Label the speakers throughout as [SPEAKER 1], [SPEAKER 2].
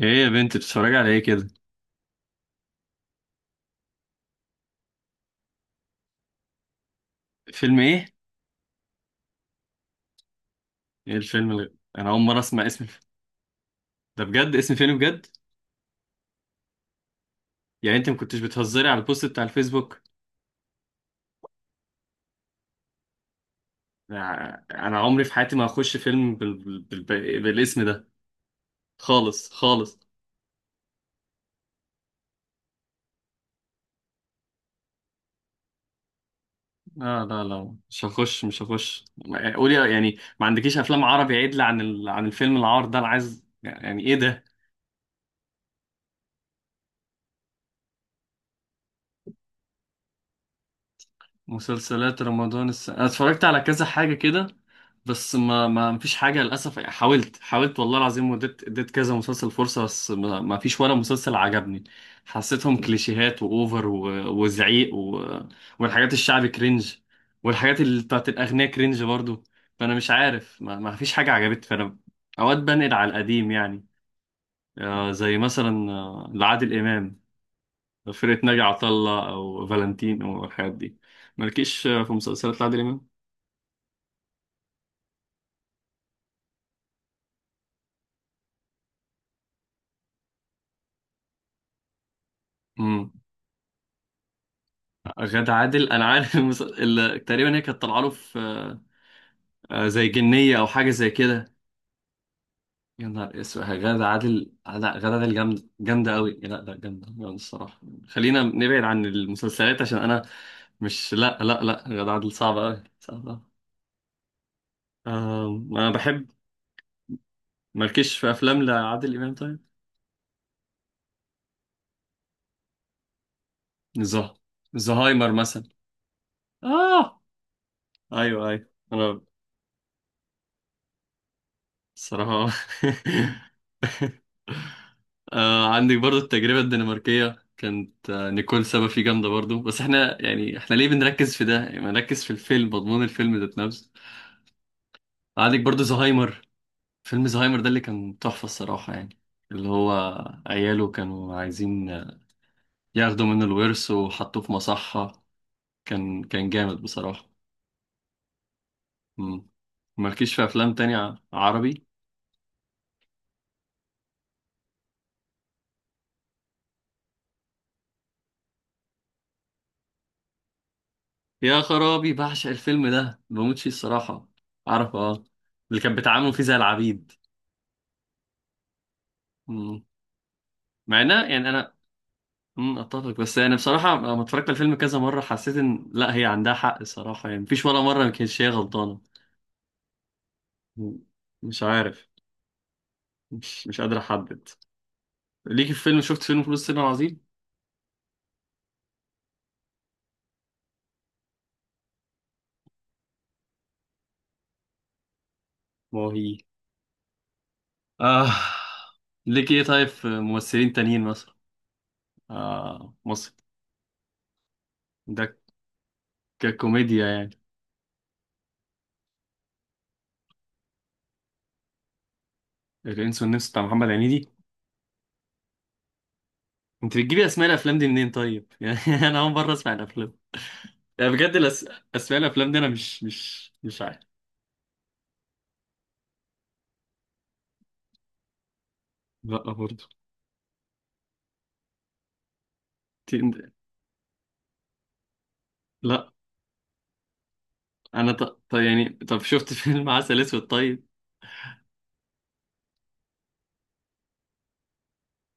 [SPEAKER 1] ايه يا بنت، بتتفرجي على ايه كده؟ فيلم ايه؟ ايه الفيلم اللي؟ انا اول مره اسمع اسم. ده بجد اسم فيلم بجد؟ يعني انت ما كنتش بتهزري على البوست بتاع الفيسبوك؟ انا عمري في حياتي ما هخش فيلم بالاسم ده خالص خالص. لا لا لا، مش هخش. قولي، يعني ما عندكيش افلام عربي عدل عن الفيلم العار ده؟ انا عايز، يعني ايه ده؟ مسلسلات رمضان انا اتفرجت على كذا حاجه كده. بس ما فيش حاجه للاسف، يعني حاولت حاولت والله العظيم، وديت اديت كذا مسلسل فرصه، بس ما فيش ولا مسلسل عجبني. حسيتهم كليشيهات واوفر، و... وزعيق، و... والحاجات الشعبي كرنج، والحاجات اللي بتاعت الاغنياء كرنج برضو. فانا مش عارف، ما فيش حاجه عجبتني. فانا اوقات بنقل على القديم يعني. زي مثلا، لعادل امام، فرقة ناجي عطا الله أو فالنتين أو الحاجات دي. مالكيش في مسلسلات لعادل إمام؟ امم. غادة عادل، أنا عارف تقريبا هي كانت طالعة له في، زي جنية أو حاجة زي كده. يا نهار اسود، غادة عادل! غادة عادل جامدة جامدة أوي، لا لا، جامدة جامدة الصراحة. خلينا نبعد عن المسلسلات عشان أنا مش لا لا لا، غادة عادل صعبة أوي، صعبة أوي. أنا بحب. مالكيش في أفلام لعادل إمام طيب؟ زه زهايمر مثلا. آه، أيوه أيوه أنا الصراحة. عندك برضو التجربة الدنماركية، كانت نيكول سابا فيه جامدة برضو. بس احنا يعني، ليه بنركز في ده؟ يعني ما نركز في الفيلم، مضمون الفيلم ذات نفسه. عندك برضو زهايمر، فيلم زهايمر ده اللي كان تحفة الصراحة يعني. اللي هو عياله كانوا عايزين، ياخدوا منه الورث وحطوه في مصحة. كان جامد بصراحة. مم. مالكيش في أفلام تانية عربي؟ يا خرابي، بعشق الفيلم ده، بموت فيه الصراحة. عارفه، اه، اللي كان بيتعاملوا فيه زي العبيد. مم. مع انها يعني انا. اتفق. بس يعني بصراحة لما اتفرجت على الفيلم كذا مرة، حسيت ان لا، هي عندها حق الصراحة يعني. مفيش ولا مرة ما كانتش هي غلطانة. مم. مش عارف، مش قادر احدد ليكي في فيلم. شفت فيلم فلوس الصين العظيم؟ ما هو هي، آه. ليكي ايه طيب، في ممثلين تانيين مثلا؟ آه، مصر. ده ككوميديا يعني. الانس والنمس بتاع محمد هنيدي. انت بتجيبي اسماء الافلام دي منين طيب؟ يعني انا اول مره اسمع الافلام، يعني بجد. اسماء الافلام دي انا مش عارف. لا برضه. انت- لا انا طب يعني، طب شفت فيلم عسل اسود طيب؟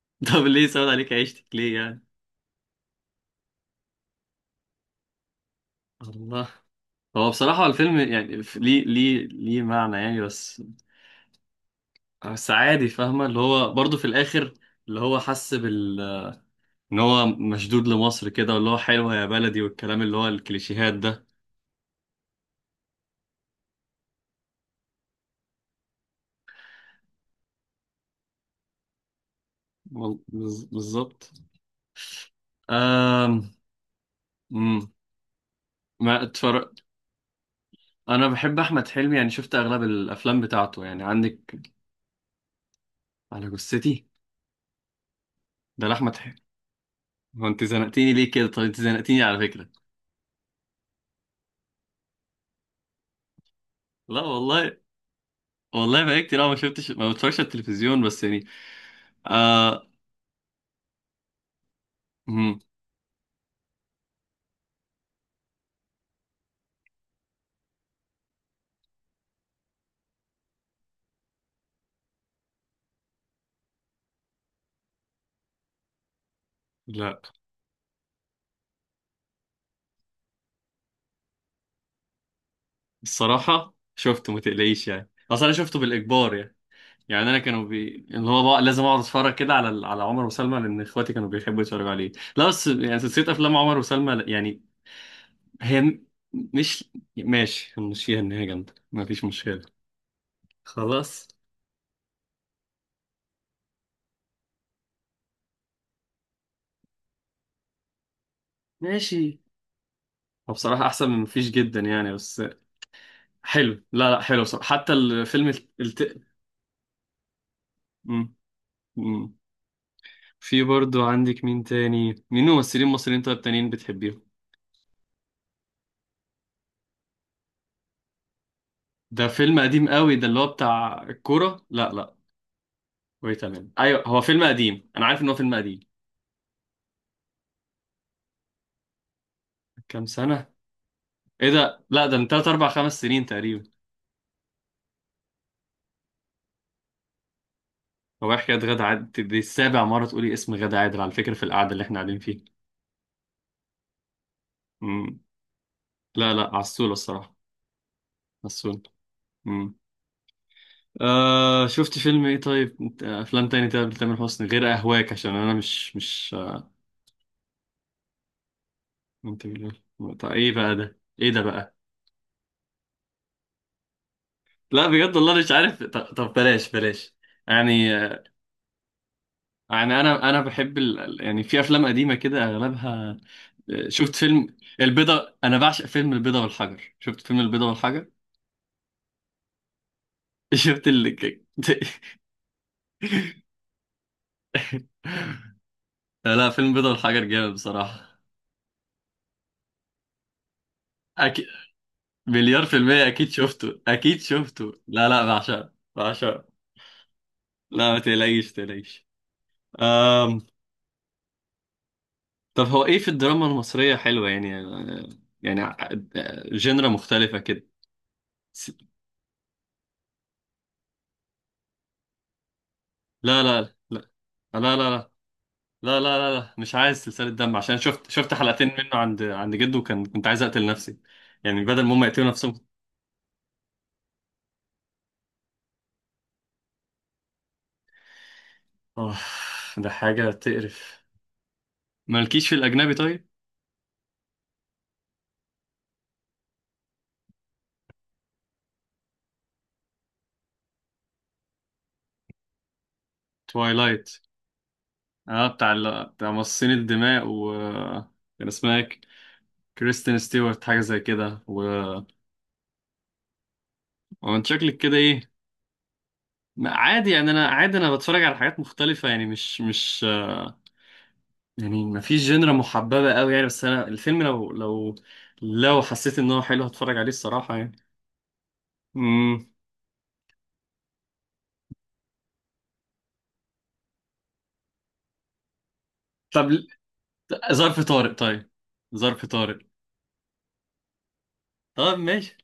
[SPEAKER 1] طب ليه سود عليك عيشتك؟ ليه يعني؟ الله. هو بصراحة الفيلم يعني، ليه، ليه معنى يعني، بس. بس عادي، فاهمة اللي هو برضه في الآخر، اللي هو حس بال إن هو مشدود لمصر كده، واللي هو حلوة يا بلدي والكلام، اللي هو الكليشيهات ده. بالظبط. امم. ما اتفرج. انا بحب احمد حلمي، يعني شفت اغلب الافلام بتاعته يعني. عندك على جثتي؟ ده لاحمد حلمي. هو انت زنقتيني ليه كده؟ طب انت زنقتيني على فكره. لا والله، والله بقى كتير أوي ما شفتش، ما بتفرجش على التلفزيون بس يعني. آه. امم. لا. الصراحه شفته ما تقلقيش، يعني اصل انا شفته بالاجبار يعني. يعني انا كانوا اللي هو بقى لازم اقعد اتفرج كده على عمر وسلمى، لان اخواتي كانوا بيحبوا يتفرجوا عليه. لا، بس يعني سلسله افلام عمر وسلمى يعني. هي م- مش، ماشي، هنمشيها ان هي جامدة، مفيش مشكلة. خلاص. ماشي. هو بصراحة احسن من مفيش جدا يعني، بس. حلو، لا لا، حلو بصراحة. حتى الفيلم. مم. مم. في برضو عندك مين تاني، مين ممثلين مصريين طيب تانيين بتحبيهم؟ ده فيلم قديم قوي، ده اللي هو بتاع الكورة، لا لا. وي تمام، ايوه هو فيلم قديم، انا عارف ان هو فيلم قديم. كام سنة؟ ايه ده؟ لا، ده من 3 4 5 سنين تقريبا. هو إيه حكاية غادة عادل دي؟ السابع مرة تقولي اسم غادة عادل، على فكرة، في القعدة اللي احنا قاعدين فيها. مم. لا لا، عسولة الصراحة، عسولة. مم. آه، شفت فيلم ايه طيب؟ افلام تاني طيب لتامر حسني غير اهواك، عشان انا مش، آه. طب ايه بقى ده؟ ايه ده بقى؟ لا بجد والله مش عارف. طب بلاش بلاش. يعني آه، يعني انا بحب يعني في افلام قديمة كده اغلبها. آه، شفت فيلم البيضة، انا بعشق فيلم البيضة والحجر. شفت فيلم البيضة والحجر؟ شفت اللي. لا، فيلم بيضة والحجر جامد بصراحة. أكيد، مليار في المية أكيد شفته، أكيد شفته، لا لا، بعشقه بعشقه. لا، ما تقلقيش تقلقيش. أم. طب هو إيه في الدراما المصرية حلوة يعني؟ يعني، جنرا مختلفة كده. س- لا لا لا لا، لا لا لا لا لا لا، مش عايز سلسلة دم، عشان شفت حلقتين منه عند جده، كنت عايز أقتل نفسي، يعني بدل ما هم يقتلوا نفسهم. أوه، ده حاجة تقرف. مالكيش في الأجنبي طيب؟ توايلايت، اه، بتاع مصاصين الدماء، و كان اسمها كريستين ستيوارت، حاجة زي كده. و وانت شكلك كده ايه؟ عادي يعني، انا عادي، انا بتفرج على حاجات مختلفة يعني، مش. يعني ما فيش جنرا محببة قوي يعني. بس انا الفيلم لو، لو حسيت ان هو حلو هتفرج عليه الصراحة يعني. امم. طب ظرف طارق طيب، ظرف طارق. طب ماشي.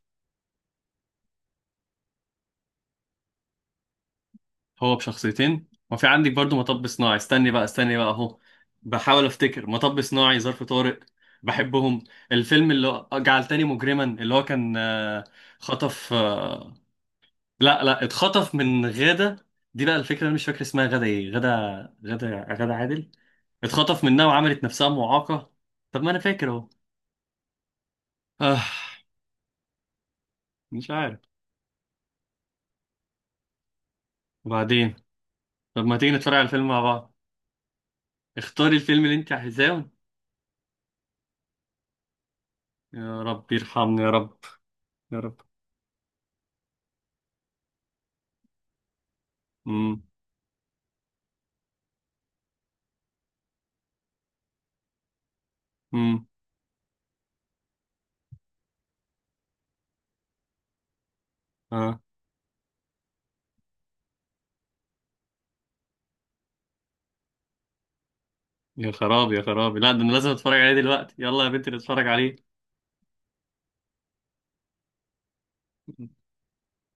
[SPEAKER 1] هو بشخصيتين، وفي عندك برضو مطب صناعي. استني بقى، استني بقى اهو، بحاول افتكر. مطب صناعي، ظرف طارق، بحبهم. الفيلم اللي جعلتني مجرما، اللي هو كان، آه، خطف، آه، لا لا، اتخطف من غادة دي. بقى الفكرة انا مش فاكر اسمها، غادة ايه؟ غادة، غادة عادل، اتخطف منها وعملت نفسها معاقة. طب ما انا فاكر اهو. آه. مش عارف. وبعدين، طب ما تيجي نتفرج على الفيلم مع بعض؟ اختاري الفيلم اللي انت عايزاه. يا رب يرحمني يا رب، يا رب. مم. امم. اه. يا خرابي يا خرابي، لا، ده انا لازم اتفرج عليه دلوقتي. يلا يا بنتي، نتفرج عليه.